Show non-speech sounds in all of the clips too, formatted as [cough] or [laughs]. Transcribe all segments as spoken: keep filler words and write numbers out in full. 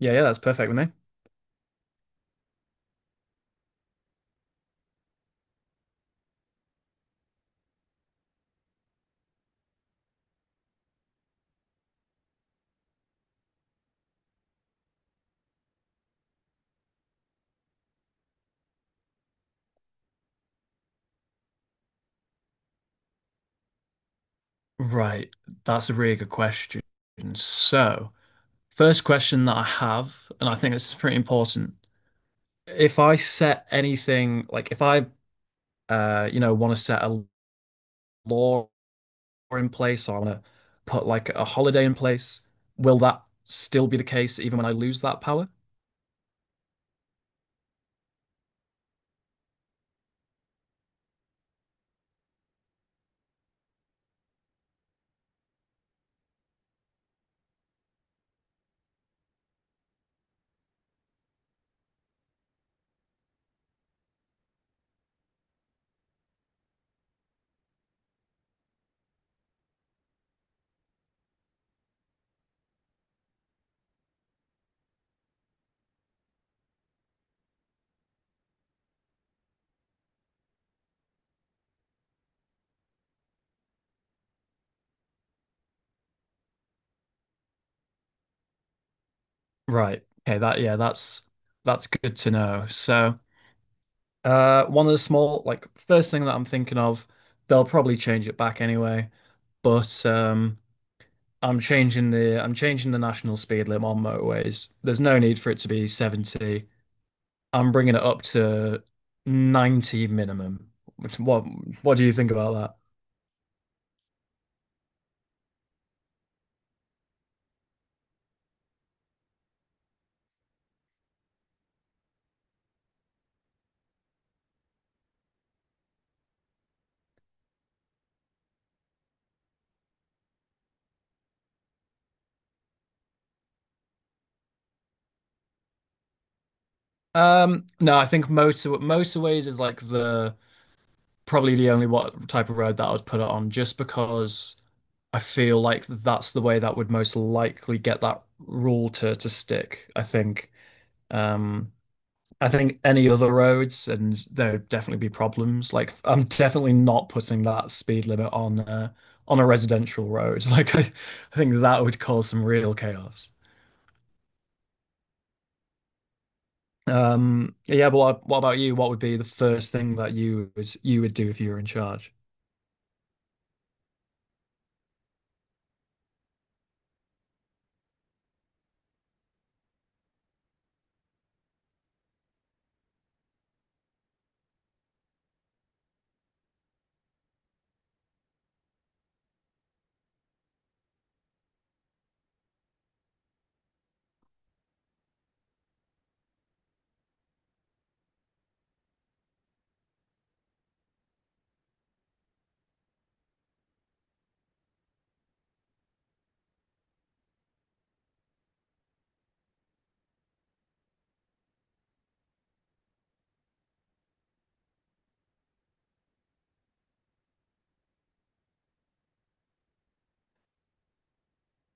Yeah, yeah, that's perfect with me. Right, that's a really good question. So, first question that I have, and I think this is pretty important. If I set anything, like if I, uh, you know, want to set a law in place, or I want to put like a holiday in place, will that still be the case even when I lose that power? Right. Okay, that yeah, that's that's good to know. So, uh one of the small like first thing that I'm thinking of, they'll probably change it back anyway, but um I'm changing the, I'm changing the national speed limit on motorways. There's no need for it to be seventy. I'm bringing it up to ninety minimum. Which- What what do you think about that? Um, no, I think motor motorways is like the probably the only what type of road that I would put it on, just because I feel like that's the way that would most likely get that rule to to stick, I think. Um, I think any other roads, and there would definitely be problems. Like I'm definitely not putting that speed limit on uh, on a residential road. [laughs] Like I, I think that would cause some real chaos. Um, yeah, but what, what about you? What would be the first thing that you would, you would do if you were in charge?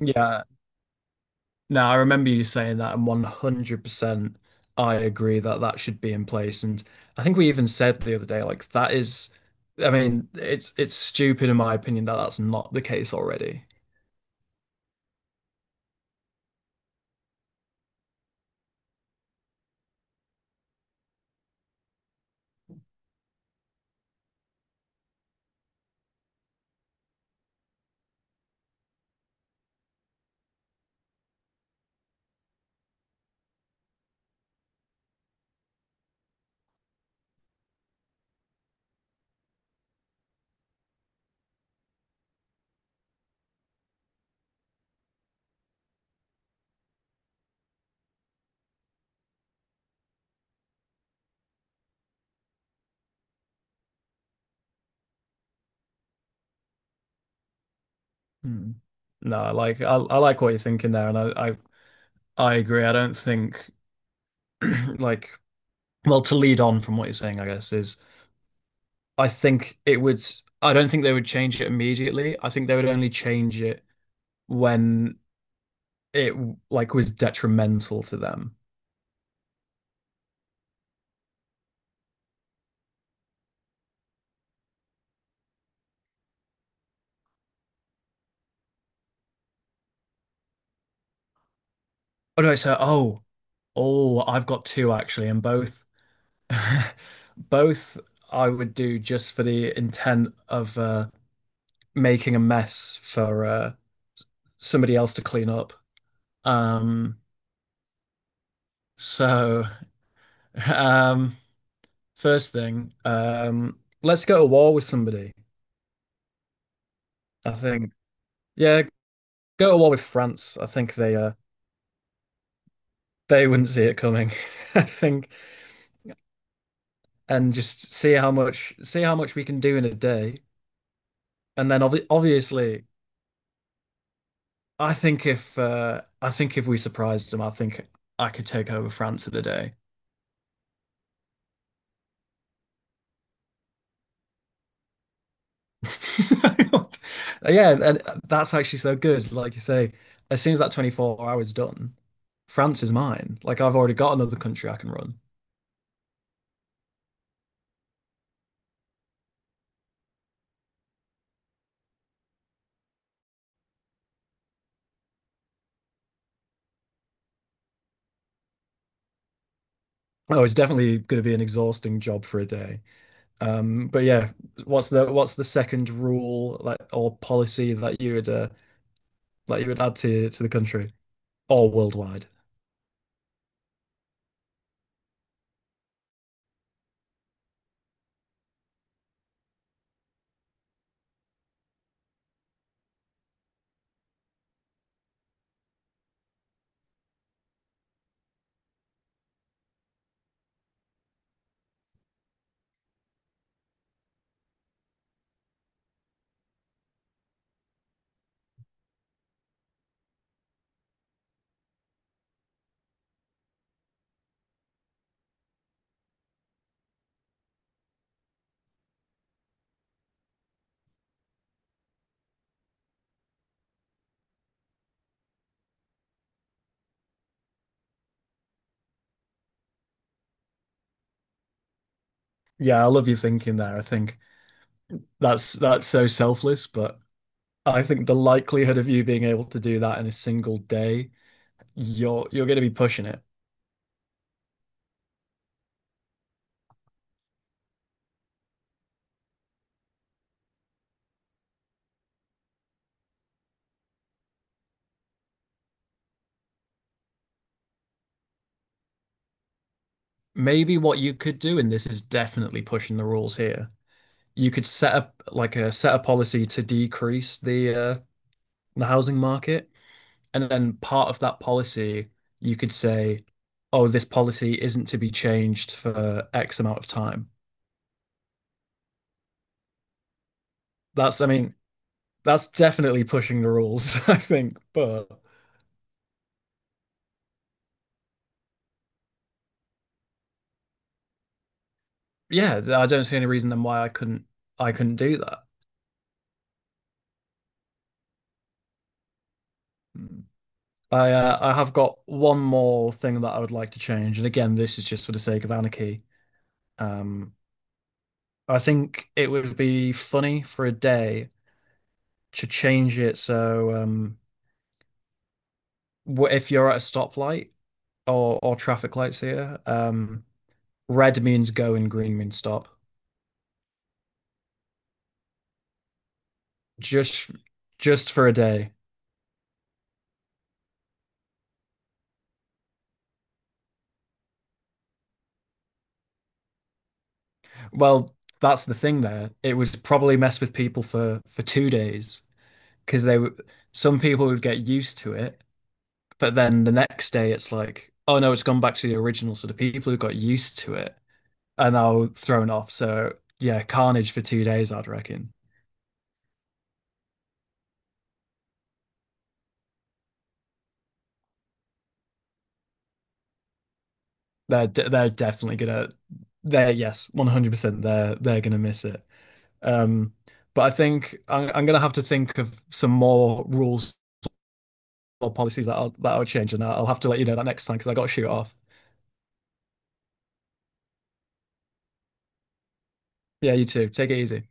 Yeah, no, I remember you saying that, and one hundred percent I agree that that should be in place. And I think we even said the other day, like that is, I mean, it's it's stupid in my opinion that that's not the case already. Hmm. No, I like, I, I like what you're thinking there, and I, I I agree. I don't think [clears throat] like, well, to lead on from what you're saying, I guess, is I think it would. I don't think they would change it immediately. I think they would only change it when it like was detrimental to them. Or do I say, oh, oh, I've got two actually, and both [laughs] both I would do just for the intent of uh, making a mess for uh, somebody else to clean up. Um, so, [laughs] um, first thing, um, let's go to war with somebody. I think, yeah, go to war with France. I think they uh, they wouldn't see it coming. [laughs] I think, and just see how much, see how much we can do in a day, and then obvi obviously I think if uh, I think if we surprised them, I think I could take over France in a day. [laughs] Yeah, and that's actually so good. Like you say, as soon as that twenty-four hours done, France is mine. Like I've already got another country I can run. Oh, it's definitely going to be an exhausting job for a day. Um, but yeah, what's the, what's the second rule, like, or policy that you would uh, that you would add to to the country or worldwide? Yeah, I love your thinking there. I think that's that's so selfless, but I think the likelihood of you being able to do that in a single day, you're you're going to be pushing it. Maybe what you could do, and this is definitely pushing the rules here, you could set up, like, a, set a policy to decrease the uh, the housing market. And then part of that policy, you could say, oh, this policy isn't to be changed for X amount of time. That's, I mean, that's definitely pushing the rules, [laughs] I think. But yeah, I don't see any reason then why I couldn't I couldn't do that. I uh, I have got one more thing that I would like to change, and again, this is just for the sake of anarchy. Um, I think it would be funny for a day to change it so, um, wh- if you're at a stoplight or or traffic lights here, um, red means go and green means stop. Just just for a day. Well, that's the thing there. It would probably mess with people for for two days because they would, some people would get used to it, but then the next day it's like, oh no, it's gone back to the original. So the people who got used to it are now thrown off. So yeah, carnage for two days, I'd reckon. They're de they're definitely gonna, they're yes, one hundred percent they're they're gonna miss it. Um, but I think I'm, I'm gonna have to think of some more rules or policies that I'll that I'll change, and I'll I'll have to let you know that next time, because I got to shoot off. Yeah, you too. Take it easy.